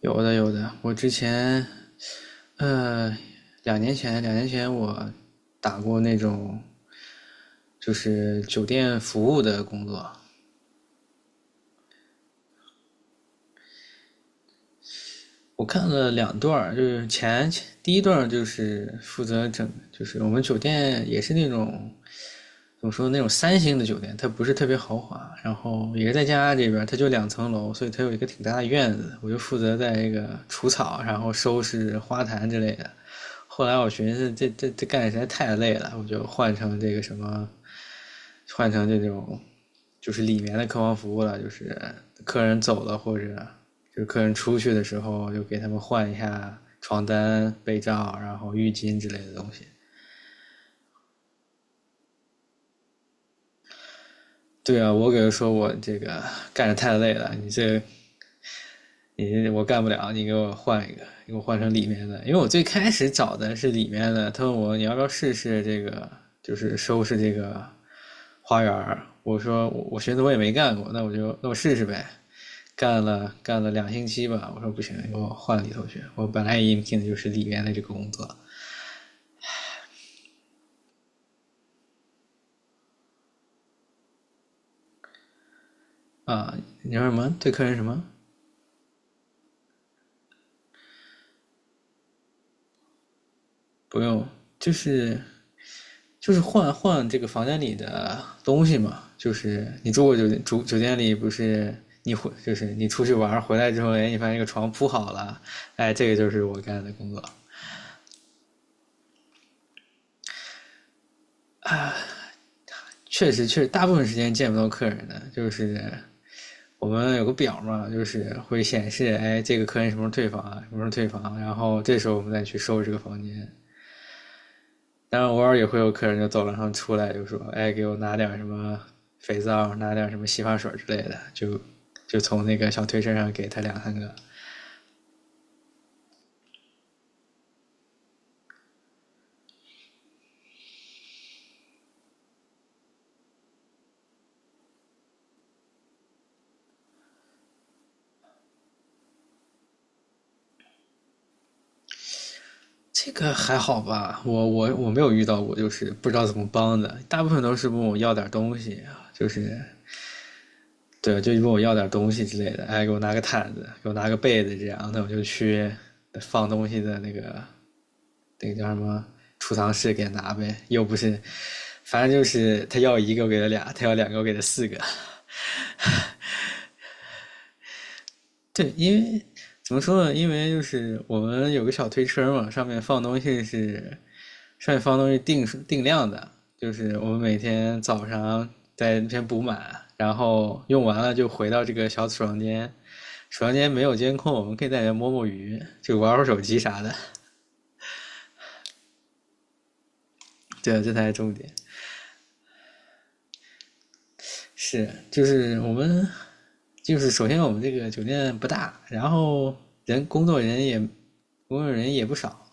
有的有的，我之前呃两年前我打过那种就是酒店服务的工作，我看了2段就是第一段就是负责就是我们酒店也是那种怎么说那种3星的酒店，它不是特别豪华，然后也是在加拿大这边，它就2层楼，所以它有一个挺大的院子，我就负责在这个除草，然后收拾花坛之类的。后来我寻思这干的实在太累了，我就换成这种就是里面的客房服务了，就是客人走了或者就是客人出去的时候，就给他们换一下床单、被罩，然后浴巾之类的东西。对啊，我给他说我这个干着太累了，你我干不了，你给我换一个，你给我换成里面的，因为我最开始找的是里面的，他问我你要不要试试这个，就是收拾这个花园。我说我寻思我也没干过，那我就试试呗，干了2星期吧，我说不行，给我换里头去，我本来也应聘的就是里面的这个工作啊，你说什么对客人什么？不用，就是就是换换这个房间里的东西嘛，就是你住过酒店，住酒店里不是就是你出去玩回来之后，哎，你发现这个床铺好了，哎，这个就是我干的工作。确实，确实大部分时间见不到客人的，就是我们有个表嘛，就是会显示，哎，这个客人什么时候退房啊，什么时候退房啊，然后这时候我们再去收拾这个房间。当然偶尔也会有客人就走廊上出来就说：“哎，给我拿点什么肥皂，拿点什么洗发水之类的。就”就从那个小推车上给他两三个。这个还好吧，我没有遇到过，就是不知道怎么帮的，大部分都是问我要点东西啊，就是对，就问我要点东西之类的，哎，给我拿个毯子，给我拿个被子，这样，那我就去放东西的那个叫什么储藏室给他拿呗，又不是，反正就是他要一个我给他俩，他要两个我给他四个。对，因为怎么说呢？因为就是我们有个小推车嘛，上面放东西定量的，就是我们每天早上在那边补满，然后用完了就回到这个小储藏间。房间没有监控，我们可以在里面摸摸鱼，就玩会手机啥的。对啊，这才是重点。是，就是我们，就是首先我们这个酒店不大，然后人工作人也工作人也不少，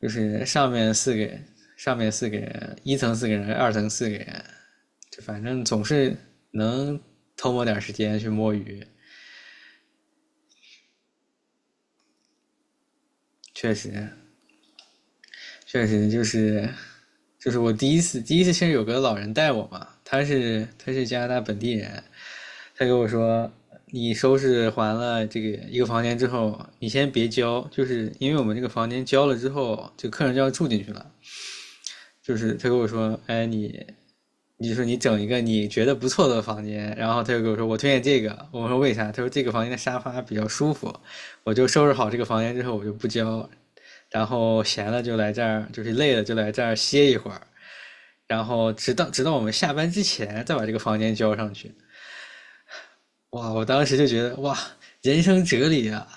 就是上面四个人，一层四个人，二层四个人，就反正总是能偷摸点时间去摸鱼。确实，确实就是我第一次其实有个老人带我嘛，他是加拿大本地人，他跟我说，你收拾完了这个一个房间之后，你先别交，就是因为我们这个房间交了之后，这客人就要住进去了。就是他跟我说，哎，你，你说你整一个你觉得不错的房间，然后他就跟我说，我推荐这个。我说为啥？他说这个房间的沙发比较舒服。我就收拾好这个房间之后，我就不交，然后闲了就来这儿，就是累了就来这儿歇一会儿，然后直到我们下班之前再把这个房间交上去。哇，我当时就觉得哇，人生哲理啊。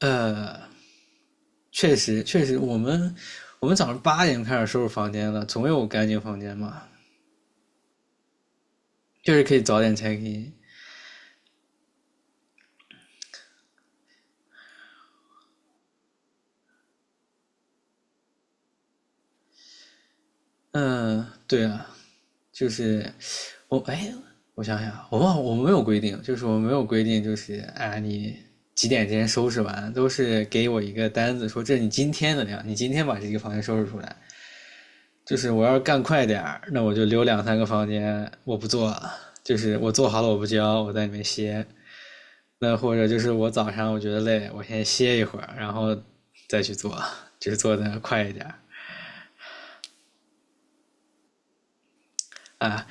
呃，确实确实，我们早上8点开始收拾房间了，总有干净房间嘛，就是可以早点拆 h e。 嗯，对啊，就是我哎，我想想，我忘了我没有规定，就是我没有规定，就是啊你。几点之前收拾完，都是给我一个单子，说这是你今天的量，你今天把这个房间收拾出来，就是我要是干快点儿，那我就留两三个房间，我不做，就是我做好了我不交，我在里面歇。那或者就是我早上我觉得累，我先歇一会儿，然后再去做，就是做的快一点儿啊。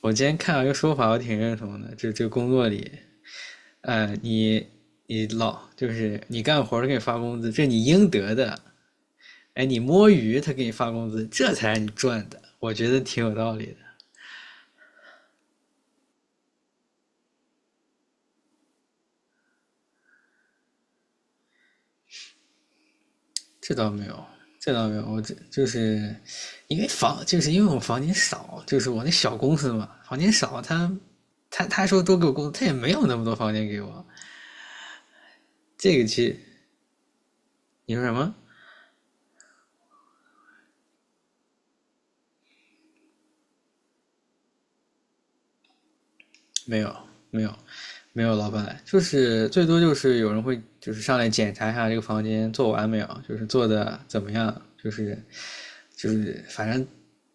我今天看到一个说法，我挺认同的，就这工作里，呃，你你老就是你干活他给你发工资，这是你应得的。哎，你摸鱼他给你发工资，这才是你赚的。我觉得挺有道理的。这倒没有，这倒没有，我这就是因为就是因为我房间少，就是我那小公司嘛，房间少，他说多给我工作，他也没有那么多房间给我。这个其你说什么？没有，没有，没有老板来，就是最多就是有人会就是上来检查一下这个房间做完没有，就是做的怎么样，就是就是反正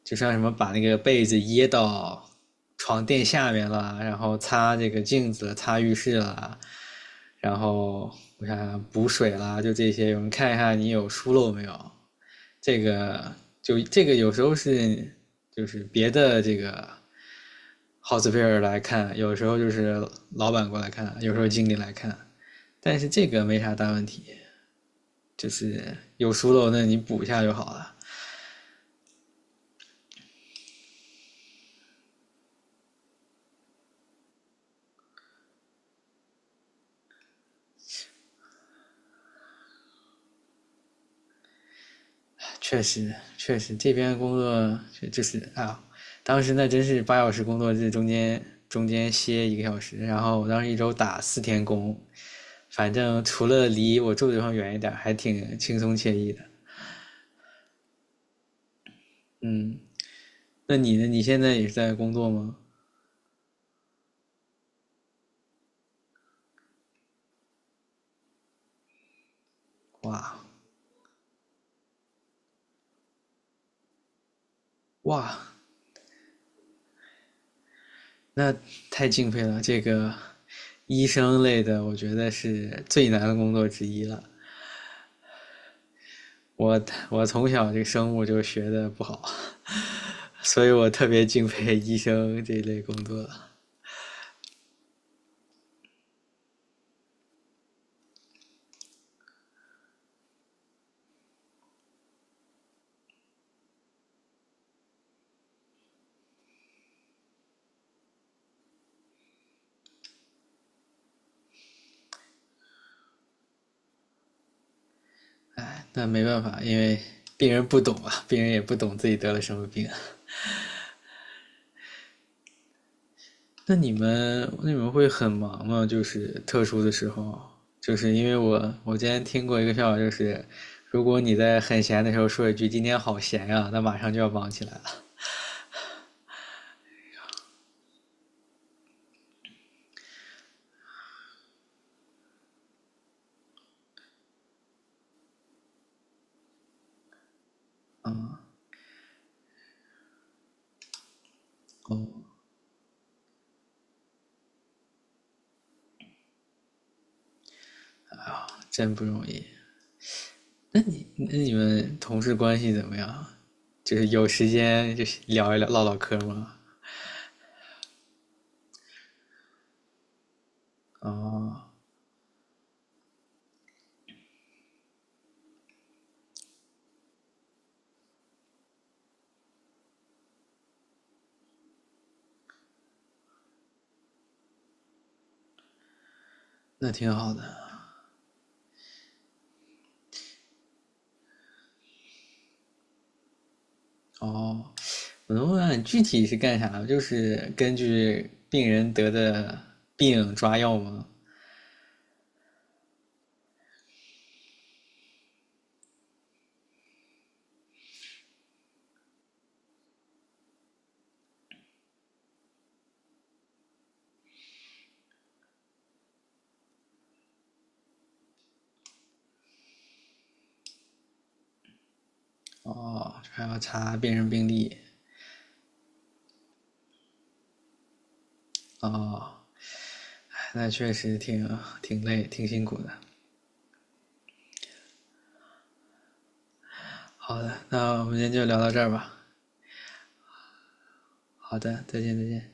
就像什么把那个被子掖到床垫下面了，然后擦这个镜子了擦浴室了，然后我想想补水啦，就这些，有人看一下你有疏漏没有，这个就这个有时候是就是别的这个。Hotspur 来看，有时候就是老板过来看，有时候经理来看，但是这个没啥大问题，就是有疏漏那你补一下就好了。确实，确实这边工作就是啊，当时那真是8小时工作制，中间歇1个小时，然后我当时1周打4天工，反正除了离我住的地方远一点，还挺轻松惬意的。嗯，那你呢？你现在也是在工作吗？哇哇！那太敬佩了，这个医生类的，我觉得是最难的工作之一了。我我从小这个生物就学的不好，所以我特别敬佩医生这一类工作。哎，那没办法，因为病人不懂啊，病人也不懂自己得了什么病。那你们会很忙吗？就是特殊的时候，就是因为我今天听过一个笑话，就是如果你在很闲的时候说一句“今天好闲呀、那马上就要忙起来了，真不容易。那你们同事关系怎么样啊？就是有时间就是聊一聊唠唠嗑吗？哦，那挺好的。哦，我能问问你具体是干啥？就是根据病人得的病抓药吗？哦，还要查病人病历。哦，哎那确实挺累，挺辛苦的。好的，那我们今天就聊到这儿吧。好的，再见，再见。